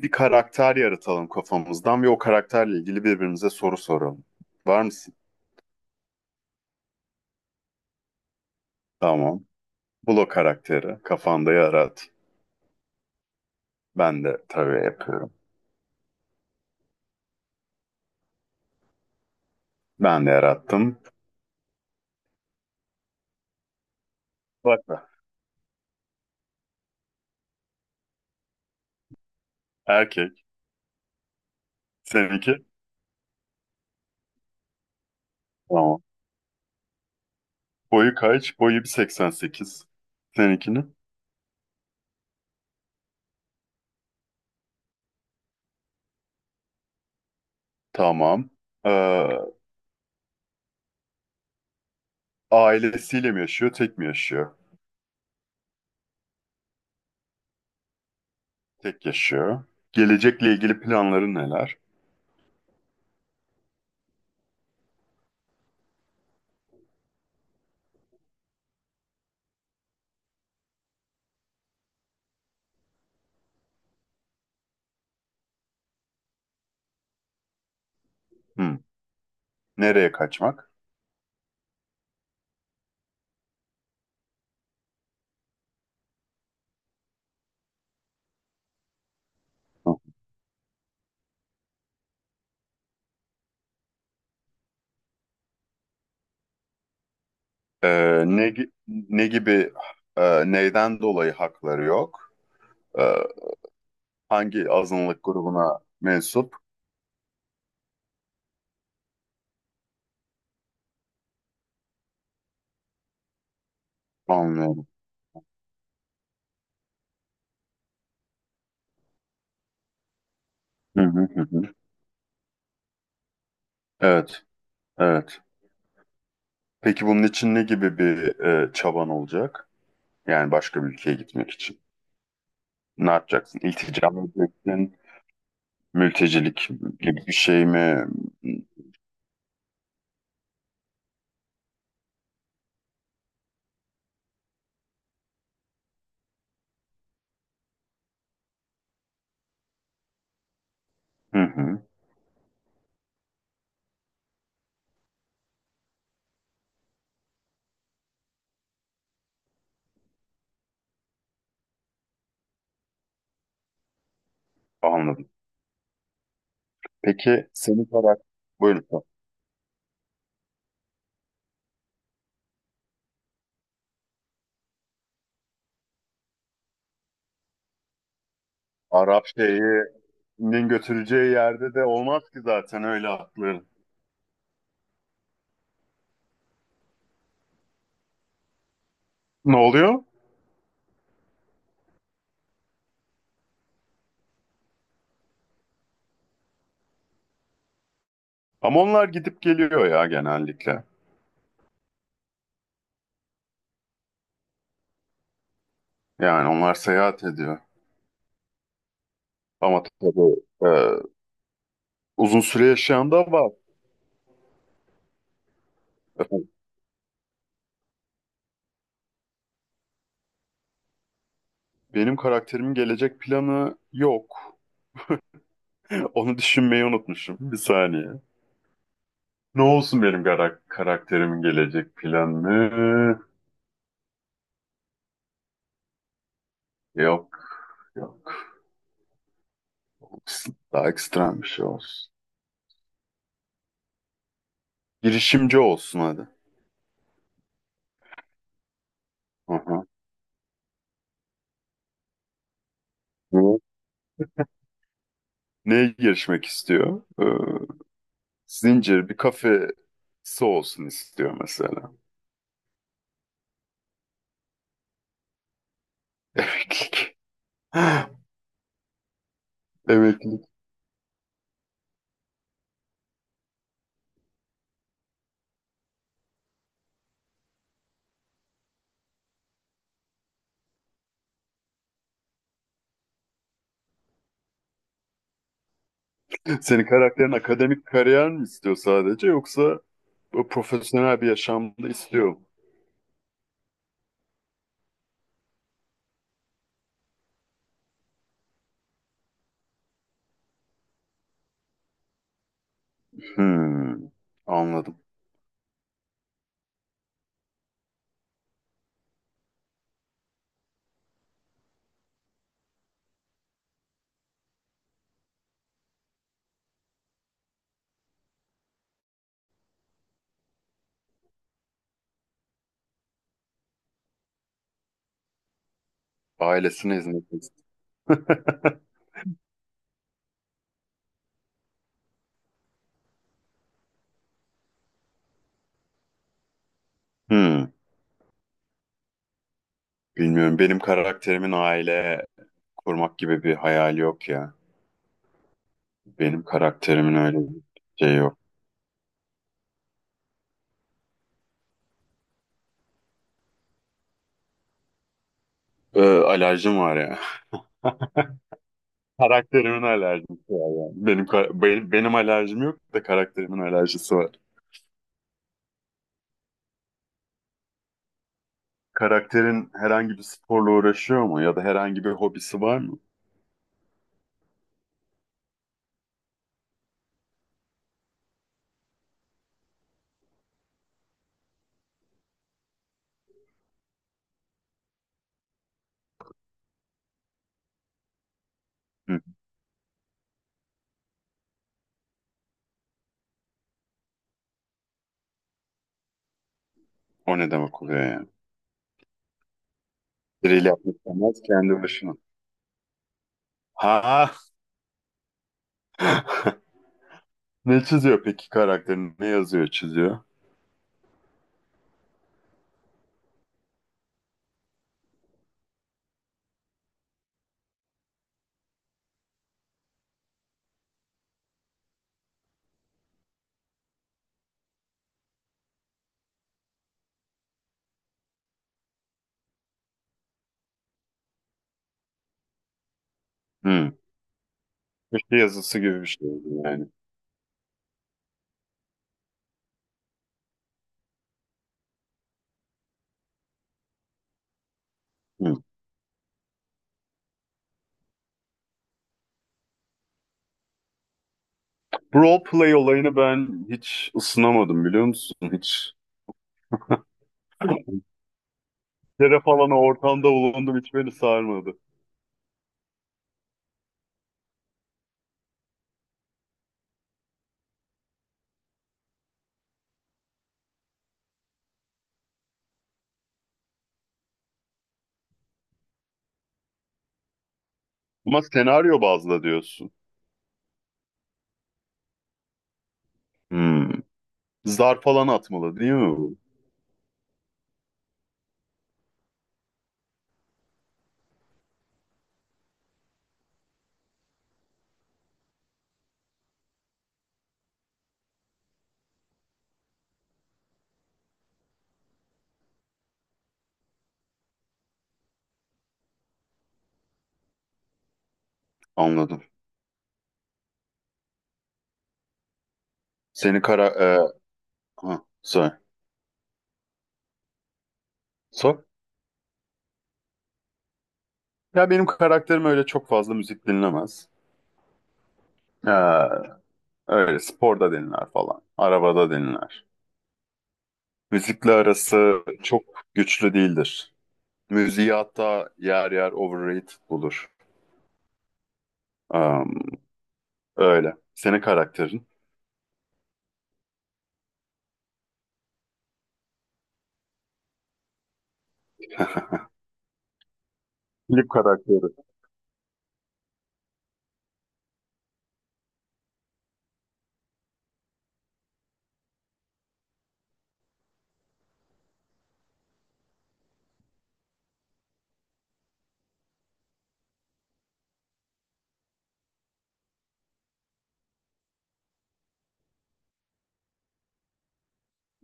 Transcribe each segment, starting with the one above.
Bir karakter yaratalım kafamızdan ve o karakterle ilgili birbirimize soru soralım. Var mısın? Tamam. Bul o karakteri. Kafanda yarat. Ben de tabii yapıyorum. Ben de yarattım. Bak da. Erkek. Seninki? Tamam. Boyu kaç? Boyu 1,88. Seninkini? Tamam. Ee, ailesiyle mi yaşıyor? Tek mi yaşıyor? Tek yaşıyor. Gelecekle ilgili planları neler? Hmm. Nereye kaçmak? Ne gibi neyden dolayı hakları yok? Ee, hangi azınlık grubuna mensup? Anlıyorum. Hı hı hı hı. Evet, evet. Peki bunun için ne gibi bir çaban olacak? Yani başka bir ülkeye gitmek için. Ne yapacaksın? İltica mı edeceksin? Mültecilik gibi bir şey mi? Hı hı. Anladım. Peki senin karar... Buyurun. Arap şeyinin götüreceği yerde de olmaz ki zaten öyle hakları. Ne oluyor? Ama onlar gidip geliyor ya genellikle. Yani onlar seyahat ediyor. Ama tabii e, uzun süre yaşayan da var. Efendim, benim karakterimin gelecek planı yok. Onu düşünmeyi unutmuşum. Bir saniye. Ne olsun karakterimin gelecek planı? Yok, yok. Daha ekstrem bir şey olsun. Girişimci olsun hadi. Hı hı. Hı. Neye girişmek istiyor? Zincir bir kafesi olsun istiyor mesela. Evet. Evet. Senin karakterin akademik kariyer mi istiyor sadece yoksa o profesyonel bir yaşamda istiyor mu? Hmm, anladım. Ailesine hizmet istiyor. Hmm, bilmiyorum. Benim karakterimin aile kurmak gibi bir hayali yok ya. Benim karakterimin öyle bir şey yok. Alerjim var ya. Karakterimin alerjisi var yani. Benim alerjim yok da karakterimin alerjisi var. Karakterin herhangi bir sporla uğraşıyor mu ya da herhangi bir hobisi var mı? O ne demek oluyor yani? Biriyle yapmak istemez kendi başına. Ha. Ne çiziyor peki karakterini? Ne yazıyor, çiziyor? Hmm. Köşe yazısı gibi bir şey yani. Hmm. Role play olayını ben hiç ısınamadım biliyor musun? Hiç. Bir kere falan o ortamda bulundum hiç beni sarmadı. Ama senaryo bazlı diyorsun. Hmm. Zar falan atmalı değil mi bu? Anladım. Seni kara... E, ha, sor. Sor. Ya benim karakterim öyle çok fazla müzik dinlemez. Ee, Öyle sporda dinler falan. Arabada dinler. Müzikle arası çok güçlü değildir. Müziği hatta yer yer overrated bulur. Am, öyle. Senin karakterin? Filip karakteri.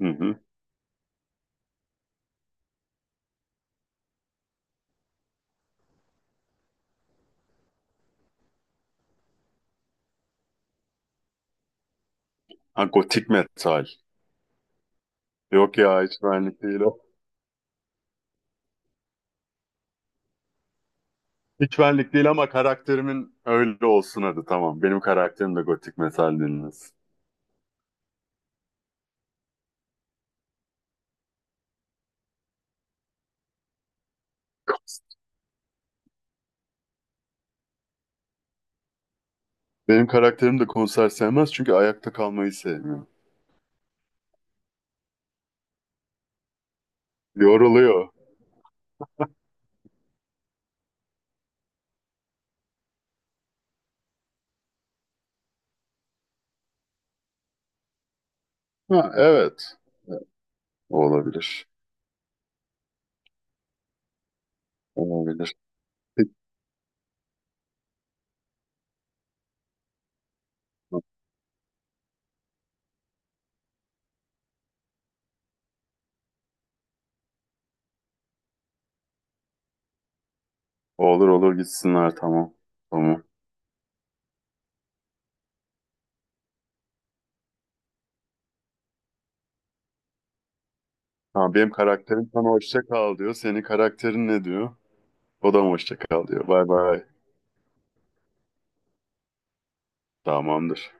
Hı hı. Ha, gotik metal. Yok ya hiç benlik değil o. Hiç benlik değil ama karakterimin öyle olsun hadi tamam. Benim karakterim de gotik metal dinlesin. Benim karakterim de konser sevmez çünkü ayakta kalmayı sevmiyor. Yoruluyor. Ha, evet. Olabilir. Olabilir. Olur olur gitsinler tamam. Tamam. Ha, benim karakterim sana hoşça kal diyor. Senin karakterin ne diyor? O da mı hoşça kal diyor. Bay bay. Tamamdır.